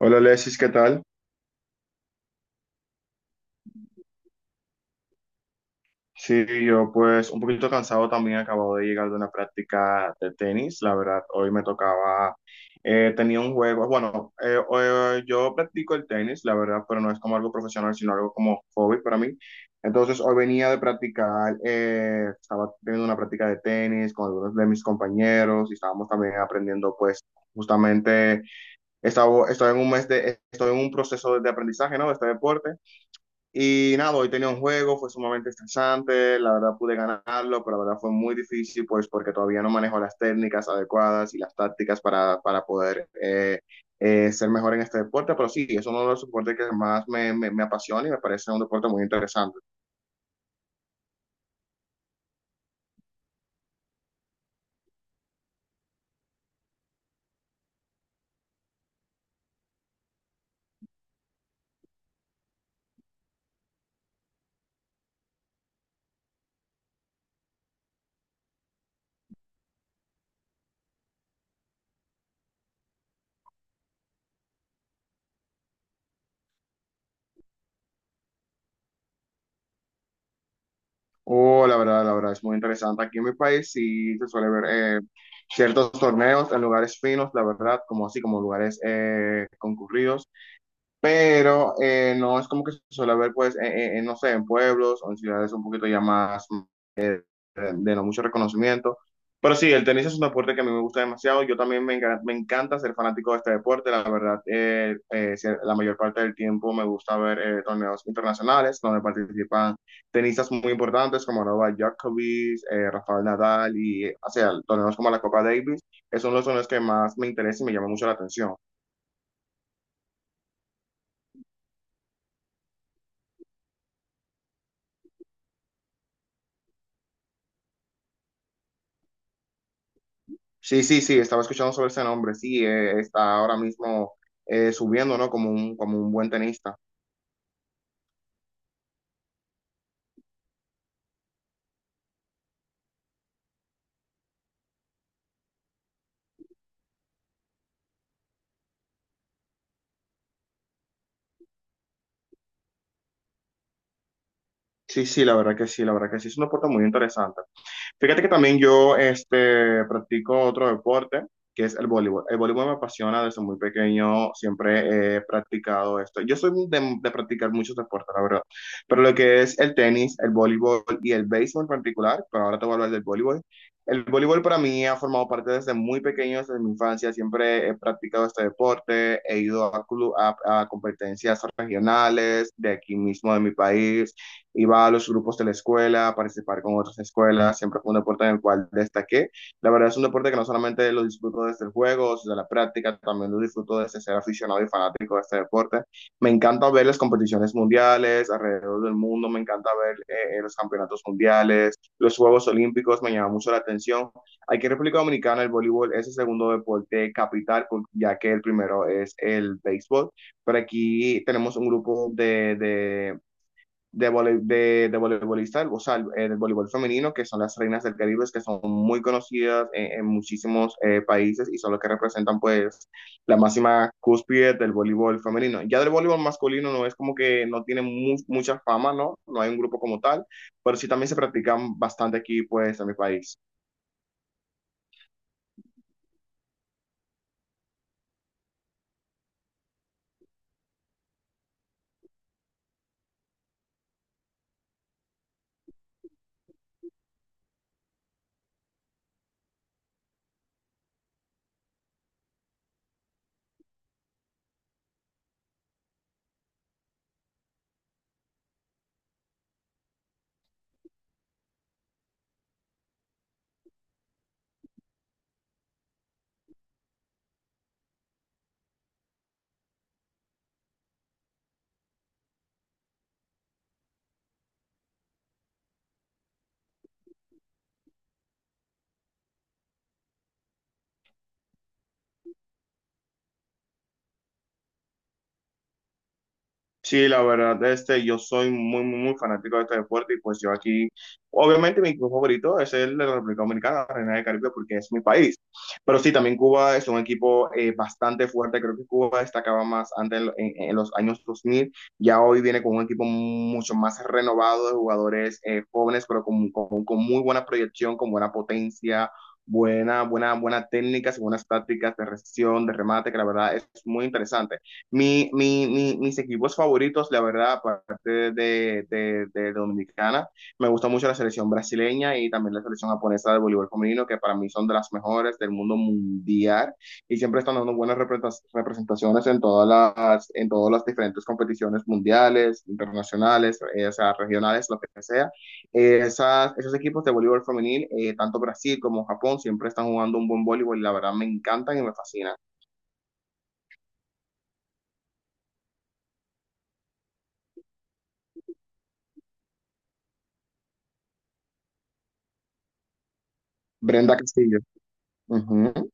Hola, Alexis, ¿qué tal? Sí, yo pues un poquito cansado también, acabo de llegar de una práctica de tenis, la verdad, hoy me tocaba, tenía un juego, bueno, yo practico el tenis, la verdad, pero no es como algo profesional, sino algo como hobby para mí. Entonces, hoy venía de practicar, estaba teniendo una práctica de tenis con algunos de mis compañeros y estábamos también aprendiendo pues justamente, estoy en un mes de, estoy en un proceso de aprendizaje, ¿no? De este deporte. Y nada, hoy tenía un juego, fue sumamente estresante, la verdad pude ganarlo, pero la verdad fue muy difícil, pues porque todavía no manejo las técnicas adecuadas y las tácticas para poder ser mejor en este deporte, pero sí, es uno de los deportes que más me apasiona y me parece un deporte muy interesante. Oh, la verdad, es muy interesante. Aquí en mi país sí se suele ver eh, ciertos torneos en lugares finos, la verdad, como así, como lugares concurridos. Pero no es como que se suele ver, pues, en, no sé, en pueblos o en ciudades un poquito ya más de no mucho reconocimiento. Pero sí, el tenis es un deporte que a mí me gusta demasiado. Yo también me, me encanta ser fanático de este deporte. La verdad, la mayor parte del tiempo me gusta ver torneos internacionales donde participan tenistas muy importantes como Novak Djokovic, Rafael Nadal y, o sea, torneos como la Copa Davis. Esos son los torneos que más me interesan y me llaman mucho la atención. Sí, sí, sí, estaba escuchando sobre ese nombre, sí, está ahora mismo subiendo, ¿no? Como un buen tenista. Sí, sí, la verdad que sí, la verdad que sí, es un deporte muy interesante. Fíjate que también yo este, practico otro deporte, que es el voleibol. El voleibol me apasiona desde muy pequeño, siempre he practicado esto. Yo soy de practicar muchos deportes, la verdad, pero lo que es el tenis, el voleibol y el béisbol en particular, pero ahora te voy a hablar del voleibol. El voleibol para mí ha formado parte desde muy pequeño, desde mi infancia. Siempre he practicado este deporte, he ido a, club, a competencias regionales de aquí mismo, de mi país. Iba a los grupos de la escuela, a participar con otras escuelas, siempre fue un deporte en el cual destaqué. La verdad es un deporte que no solamente lo disfruto desde el juego, desde la práctica, también lo disfruto desde ser aficionado y fanático de este deporte. Me encanta ver las competiciones mundiales alrededor del mundo, me encanta ver los campeonatos mundiales, los Juegos Olímpicos, me llama mucho la atención. Aquí en República Dominicana el voleibol es el segundo deporte capital, ya que el primero es el béisbol. Pero aquí tenemos un grupo de voleibolista, o sea, del voleibol femenino, que son las reinas del Caribe, que son muy conocidas en muchísimos países y son los que representan pues la máxima cúspide del voleibol femenino. Ya del voleibol masculino no es como que no tiene mucha fama, ¿no? No hay un grupo como tal, pero sí también se practican bastante aquí pues en mi país. Sí, la verdad, este, yo soy muy, muy, muy fanático de este deporte y pues yo aquí, obviamente mi equipo favorito es el de la República Dominicana, la Reina del Caribe, porque es mi país. Pero sí, también Cuba es un equipo bastante fuerte, creo que Cuba destacaba más antes en, en los años 2000. Ya hoy viene con un equipo mucho más renovado de jugadores jóvenes, pero con muy buena proyección, con buena potencia. Buena, buena, buena técnicas y buenas tácticas de recepción, de remate, que la verdad es muy interesante. Mis equipos favoritos, la verdad, aparte de Dominicana, me gusta mucho la selección brasileña y también la selección japonesa de voleibol femenino, que para mí son de las mejores del mundo mundial y siempre están dando buenas representaciones en todas las diferentes competiciones mundiales, internacionales, o sea, regionales, lo que sea. Esas, esos equipos de voleibol femenil, tanto Brasil como Japón, siempre están jugando un buen voleibol y la verdad me encantan y me fascinan. Brenda Castillo. Ujú.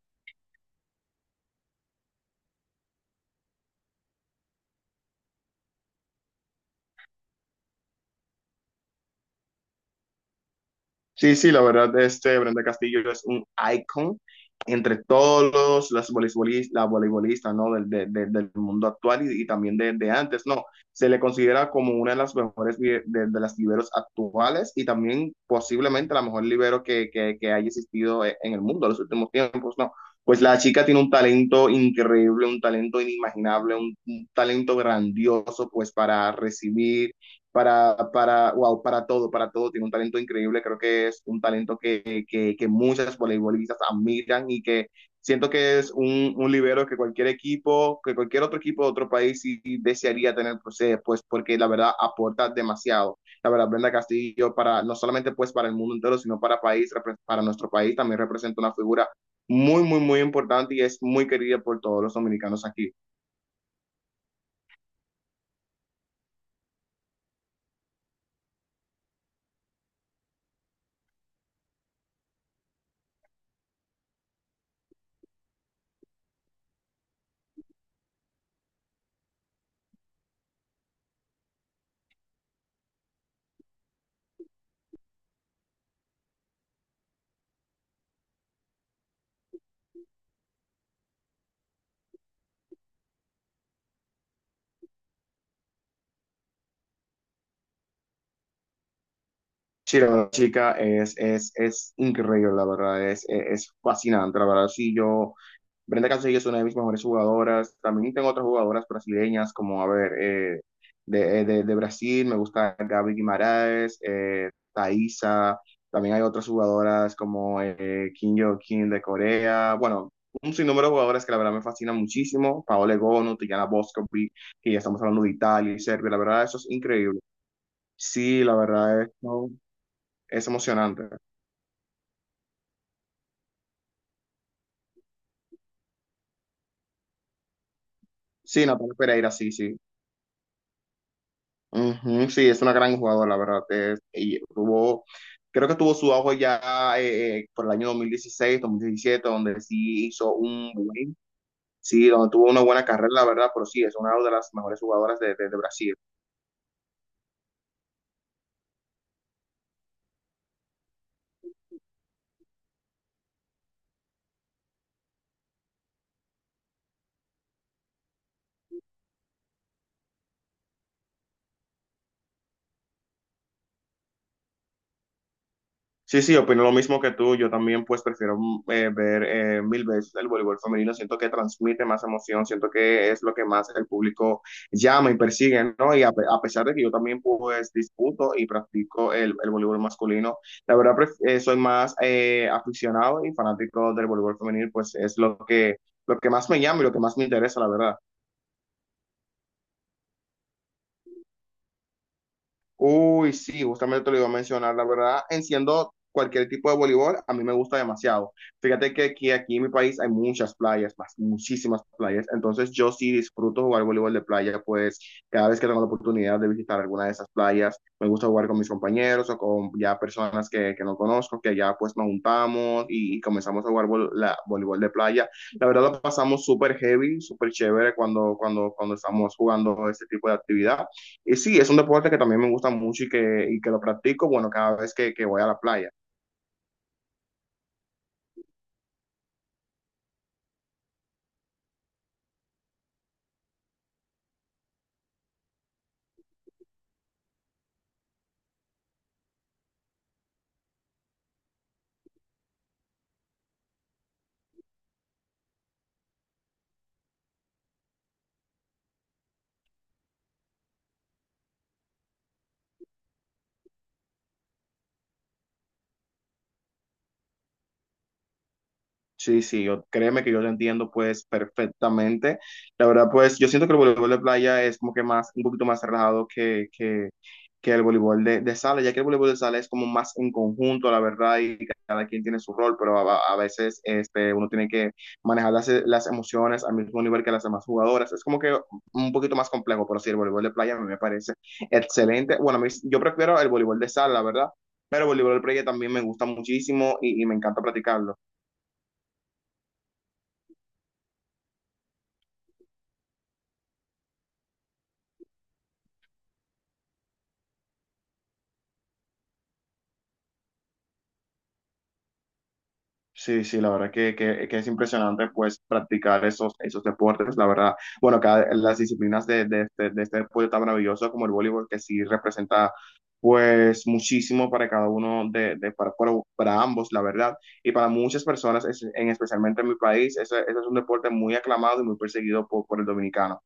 Sí, sí, la verdad, este Brenda Castillo es un icon entre todos los voleibolistas, las voleibolistas, la voleibolista, ¿no? Del, del mundo actual y también de antes, ¿no? Se le considera como una de las mejores de las liberos actuales y también posiblemente la mejor libero que haya existido en el mundo en los últimos tiempos, ¿no? Pues la chica tiene un talento increíble, un talento inimaginable, un talento grandioso, pues para recibir para, wow, para todo, tiene un talento increíble, creo que es un talento que muchas voleibolistas admiran y que siento que es un libero que cualquier equipo, que cualquier otro equipo de otro país sí desearía tener, pues, pues porque la verdad aporta demasiado. La verdad, Brenda Castillo, para, no solamente pues para el mundo entero, sino para, país, para nuestro país, también representa una figura muy, muy, muy importante y es muy querida por todos los dominicanos aquí. Sí, la verdad, chica, es increíble, la verdad, es fascinante, la verdad, sí, yo, Brenda Castillo es una de mis mejores jugadoras, también tengo otras jugadoras brasileñas, como, a ver, de Brasil, me gusta Gaby Guimarães, Thaisa, también hay otras jugadoras como Kim Yo-Kim de Corea, bueno, un sinnúmero de jugadoras que la verdad me fascinan muchísimo, Paola Egonu, Tiziana Boscovi, que ya estamos hablando de Italia y Serbia, la verdad, eso es increíble. Sí, la verdad es, ¿no? Es emocionante. Sí, Natalia Pereira, sí, sí. Ujú, sí, es una gran jugadora, la verdad. Es- y tuvo, creo que tuvo su auge ya por el año 2016, 2017, donde sí hizo un buen, sí, donde tuvo una buena carrera, la verdad, pero sí, es una de las mejores jugadoras de Brasil. Sí, sí, opino lo mismo que tú. Yo también, pues, prefiero ver mil veces el voleibol femenino. Siento que transmite más emoción, siento que es lo que más el público llama y persigue, ¿no? Y a, a pesar de que yo también, pues, disputo y practico el voleibol masculino, la verdad, soy más aficionado y fanático del voleibol femenino, pues, es lo que más me llama y lo que más me interesa, la verdad. Uy, sí, justamente te lo iba a mencionar. La verdad, enciendo cualquier tipo de voleibol, a mí me gusta demasiado. Fíjate que aquí, aquí en mi país hay muchas playas, más, muchísimas playas. Entonces, yo sí disfruto jugar voleibol de playa, pues cada vez que tengo la oportunidad de visitar alguna de esas playas, me gusta jugar con mis compañeros o con ya personas que no conozco, que ya pues nos juntamos y comenzamos a jugar voleibol de playa. La verdad, lo pasamos súper heavy, súper chévere cuando, cuando, cuando estamos jugando este tipo de actividad. Y sí, es un deporte que también me gusta mucho y que lo practico, bueno, cada vez que voy a la playa. Sí, sí, yo, créeme que yo lo entiendo pues perfectamente. La verdad pues yo siento que el voleibol de playa es como que más, un poquito más relajado que el voleibol de sala, ya que el voleibol de sala es como más en conjunto, la verdad, y cada quien tiene su rol, pero a veces este, uno tiene que manejar las emociones al mismo nivel que las demás jugadoras. Es como que un poquito más complejo, pero sí, el voleibol de playa a mí me parece excelente. Bueno, yo prefiero el voleibol de sala, la verdad, pero el voleibol de playa también me gusta muchísimo y me encanta practicarlo. Sí, sí, la verdad que es impresionante pues practicar esos, esos deportes, la verdad. Bueno, cada, las disciplinas de este deporte tan maravilloso como el voleibol, que sí representa pues muchísimo para cada uno de para ambos, la verdad. Y para muchas personas, es- en especialmente en mi país, ese es un deporte muy aclamado y muy perseguido por el dominicano.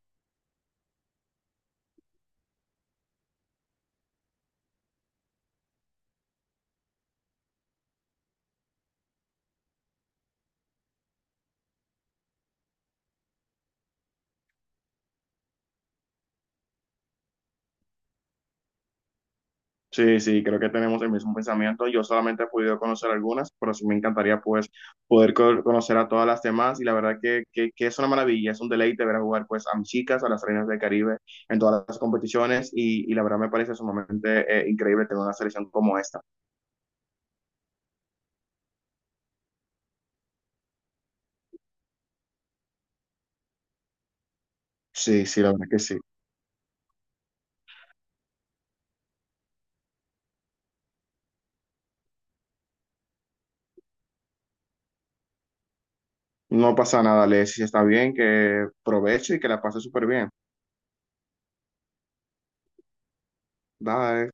Sí, sí, creo que tenemos el mismo pensamiento. Yo solamente he podido conocer algunas, pero sí me encantaría pues poder conocer a todas las demás y la verdad que es una maravilla, es un deleite ver a jugar pues a mis chicas, a las reinas del Caribe en todas las competiciones y la verdad me parece sumamente increíble tener una selección como esta. Sí, sí, la verdad que sí. No pasa nada, Leslie, está bien, que provecho y que la pase súper bien. Bye.